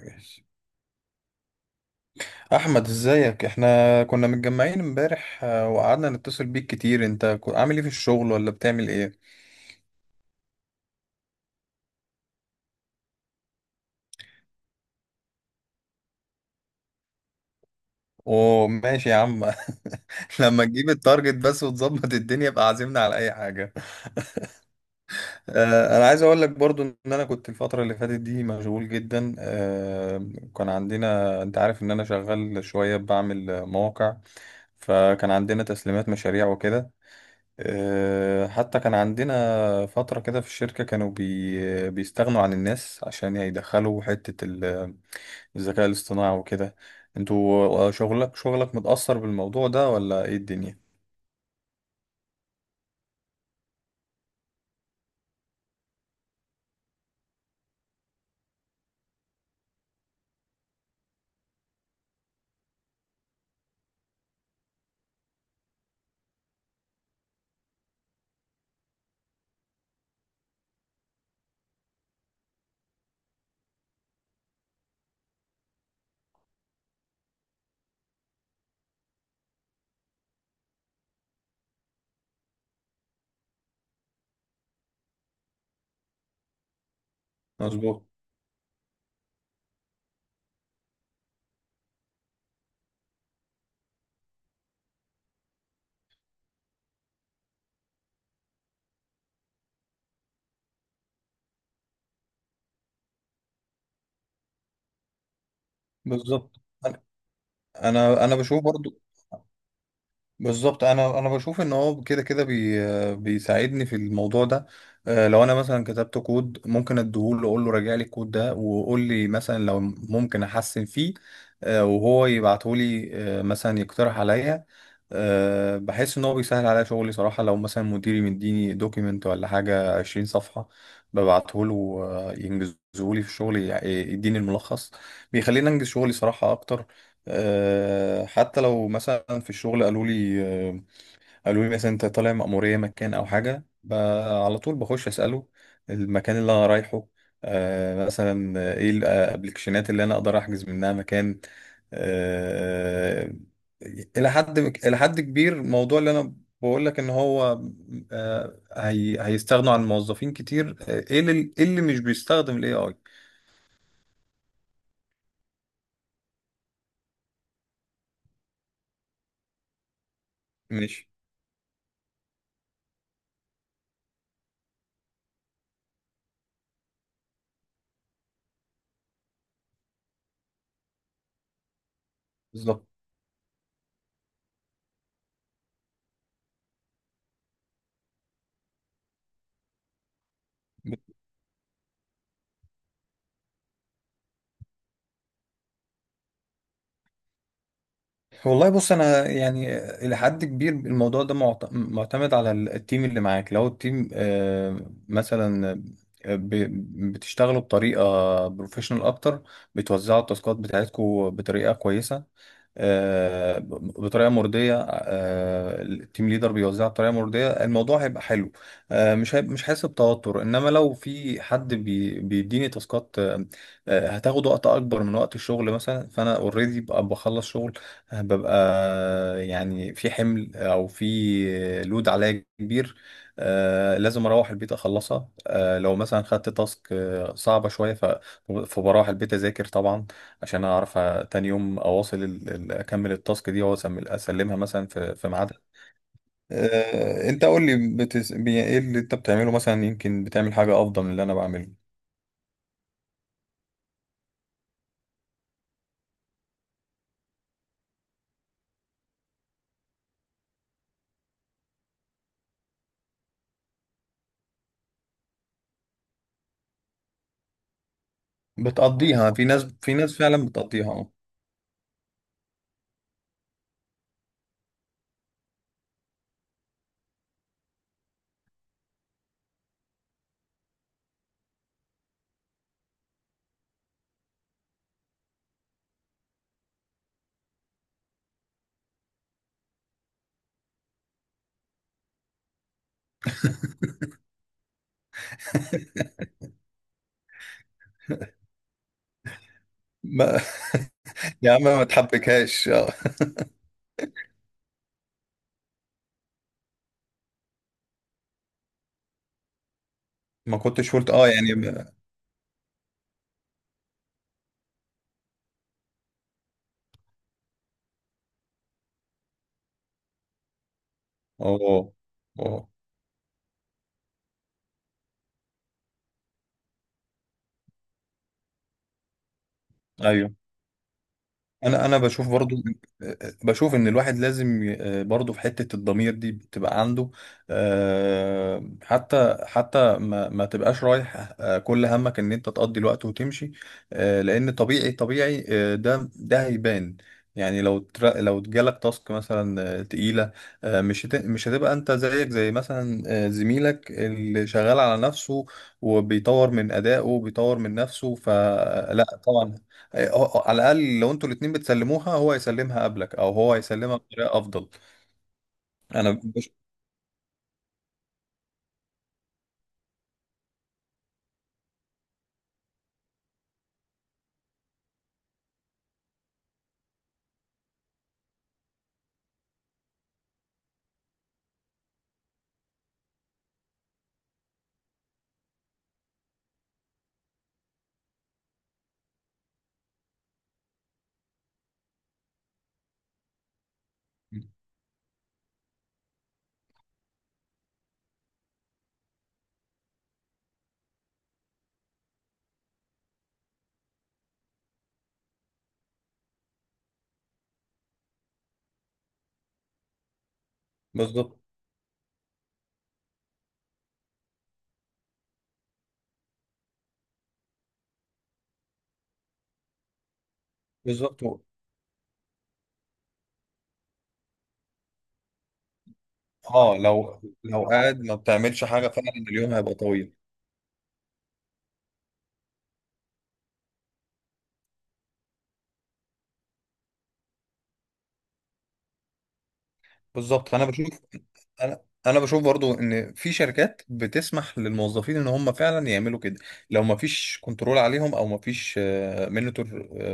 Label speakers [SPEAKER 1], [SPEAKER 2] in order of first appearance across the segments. [SPEAKER 1] ماشي. احمد، ازيك؟ احنا كنا متجمعين امبارح، وقعدنا نتصل بيك كتير. انت عامل ايه في الشغل، ولا بتعمل ايه؟ اوه ماشي يا عم. لما تجيب التارجت بس وتظبط الدنيا، يبقى عازمنا على اي حاجه. انا عايز اقول لك برضو ان انا كنت الفتره اللي فاتت دي مشغول جدا. كان عندنا، انت عارف ان انا شغال شويه بعمل مواقع. فكان عندنا تسليمات مشاريع وكده. حتى كان عندنا فترة كده في الشركة، كانوا بيستغنوا عن الناس عشان يدخلوا حتة الذكاء الاصطناعي وكده. انتوا، شغلك متأثر بالموضوع ده، ولا ايه الدنيا؟ مظبوط. بالظبط. انا انا أنا بشوف برضو. بالظبط، انا بشوف ان هو كده كده بيساعدني في الموضوع ده. لو انا مثلا كتبت كود، ممكن اديهوله اقول له راجع لي الكود ده، وقول لي مثلا لو ممكن احسن فيه. وهو يبعته لي. مثلا يقترح عليا. بحس ان هو بيسهل عليا شغلي صراحه. لو مثلا مديري مديني دوكيمنت ولا حاجه 20 صفحه، ببعته له ينجزه لي في الشغل، يديني الملخص. بيخليني انجز شغلي صراحه اكتر. حتى لو مثلا في الشغل قالوا لي، قالوا لي مثلا انت طالع مأمورية مكان او حاجة، على طول بخش اسأله المكان اللي انا رايحه، مثلا، ايه الابلكيشنات اللي انا اقدر احجز منها مكان. آه الى حد كبير الموضوع اللي انا بقول لك ان هو، هي هيستغنوا عن موظفين كتير. ايه اللي إيه اللي مش بيستخدم الاي اي. ماشي. بالظبط. والله بص، انا يعني الى حد كبير الموضوع ده معتمد على التيم اللي معاك. لو التيم، مثلا، بتشتغلوا بطريقه بروفيشنال اكتر، بتوزعوا التاسكات بتاعتكم بطريقه كويسه، آه، بطريقه مرضيه، التيم ليدر بيوزعها بطريقه مرضيه، الموضوع هيبقى حلو. مش هيبقى، مش حاسس بتوتر. انما لو في حد بيديني تاسكات، هتاخد وقت اكبر من وقت الشغل مثلا، فانا اوريدي ببقى بخلص شغل. ببقى، يعني في حمل او في لود عليا كبير. لازم اروح البيت اخلصها. لو مثلا خدت تاسك صعبه شويه، فبروح البيت اذاكر طبعا، عشان اعرف تاني يوم اكمل التاسك دي، اسلمها مثلا في ميعادها. انت قول لي، ايه اللي انت بتعمله؟ مثلا يمكن بتعمل حاجة افضل من اللي انا بعمله. بتقضيها. في ناس فعلا بتقضيها. اه. ما... يا عم ما تحبكهاش. ما كنتش قلت، يعني، اه، اه، ايوه. انا بشوف برضو، بشوف ان الواحد لازم، برضو في حتة الضمير دي بتبقى عنده. حتى ما تبقاش رايح، كل همك ان انت تقضي الوقت وتمشي. لان طبيعي طبيعي، ده هيبان. يعني لو جالك تاسك مثلا تقيلة، مش هتبقى انت زيك زي مثلا زميلك اللي شغال على نفسه، وبيطور من أدائه وبيطور من نفسه، فلا طبعا. على الاقل لو انتوا الاتنين بتسلموها، هو يسلمها قبلك، او هو يسلمها بطريقه افضل. انا بش... بالظبط. بالظبط، اه، لو قاعد ما بتعملش حاجه، فعلا اليوم هيبقى طويل. بالظبط. فانا بشوف انا انا بشوف برضو ان في شركات بتسمح للموظفين ان هم فعلا يعملوا كده، لو ما فيش كنترول عليهم، او ما فيش منتور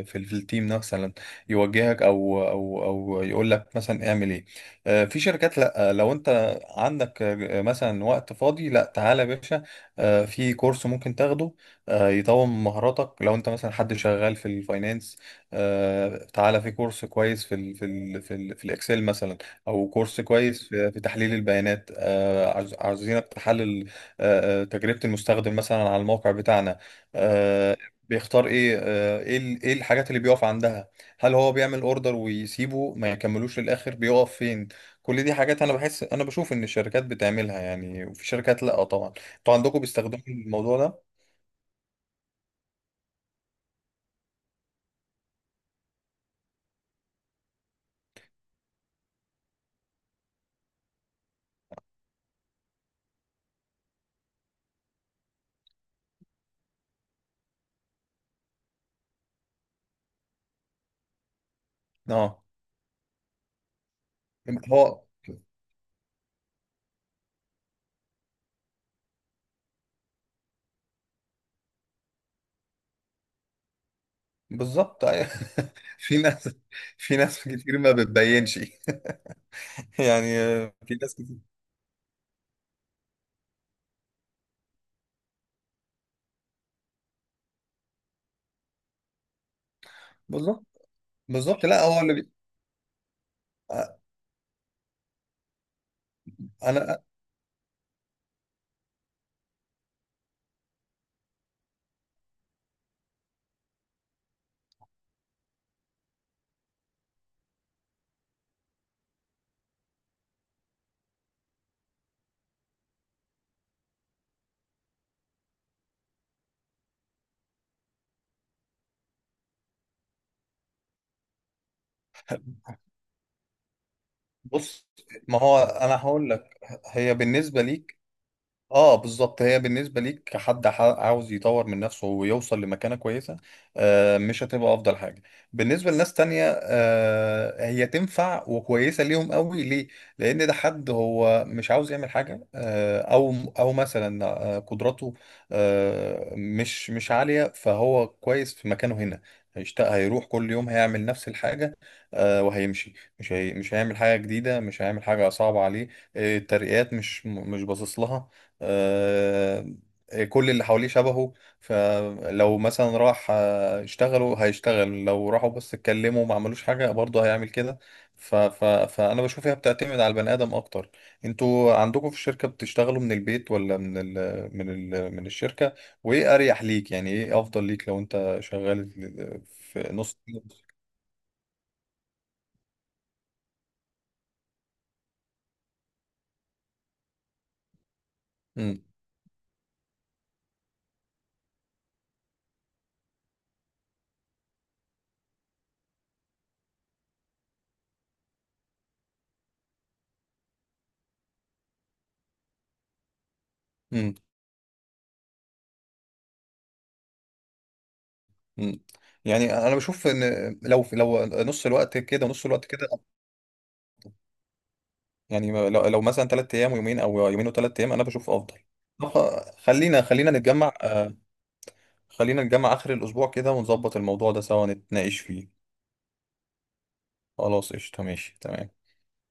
[SPEAKER 1] في التيم مثلا، يوجهك، او يقول لك مثلا اعمل ايه. في شركات لا. لو انت عندك مثلا وقت فاضي، لا تعالى يا باشا، في كورس ممكن تاخده، يطور من مهاراتك. لو انت مثلا حد شغال في الفاينانس، تعالى في كورس كويس في الاكسل مثلا، او كورس كويس في تحليل البيانات. عاوزينك تحلل تجربة المستخدم مثلا على الموقع بتاعنا، آه، بيختار ايه، ايه الحاجات اللي بيقف عندها، هل هو بيعمل اوردر ويسيبه ما يكملوش للاخر، بيقف فين. كل دي حاجات انا بحس، انا بشوف ان الشركات بتعملها يعني. وفي شركات لا طبعا. انتوا عندكم بيستخدموا الموضوع ده؟ اه، هو بالظبط، أيوة. في ناس في ناس كتير ما بتبينش. يعني في ناس كتير. بالظبط. بالظبط. لا، هو اللي انا، بص، ما هو انا هقول لك، هي بالنسبه ليك، اه بالظبط، هي بالنسبه ليك كحد عاوز يطور من نفسه ويوصل لمكانه كويسه، مش هتبقى افضل حاجه. بالنسبه لناس تانية، هي تنفع وكويسه ليهم قوي. ليه؟ لان ده حد هو مش عاوز يعمل حاجه، او مثلا قدراته مش عاليه، فهو كويس في مكانه هنا. هيشتاق، هيروح كل يوم، هيعمل نفس الحاجه، وهيمشي. مش هيعمل حاجه جديده، مش هيعمل حاجه صعبه عليه، الترقيات مش باصص لها، آه، كل اللي حواليه شبهه. فلو مثلا راح يشتغلوا هيشتغل، لو راحوا بس اتكلموا ما عملوش حاجة، برضه هيعمل كده. ف ف فأنا بشوف هي بتعتمد على البني آدم أكتر. انتوا عندكم في الشركة بتشتغلوا من البيت ولا من ال من ال من الشركة؟ وإيه أريح ليك؟ يعني إيه أفضل ليك لو أنت شغال في نص؟ امم. امم. امم. يعني انا بشوف ان، لو نص الوقت كده ونص الوقت كده، يعني لو مثلا 3 ايام ويومين، او يومين وثلاث ايام، انا بشوف افضل. طب، خلينا نتجمع، خلينا نتجمع اخر الاسبوع كده، ونظبط الموضوع ده سوا، نتناقش فيه. خلاص، قشطة، ماشي، تمام.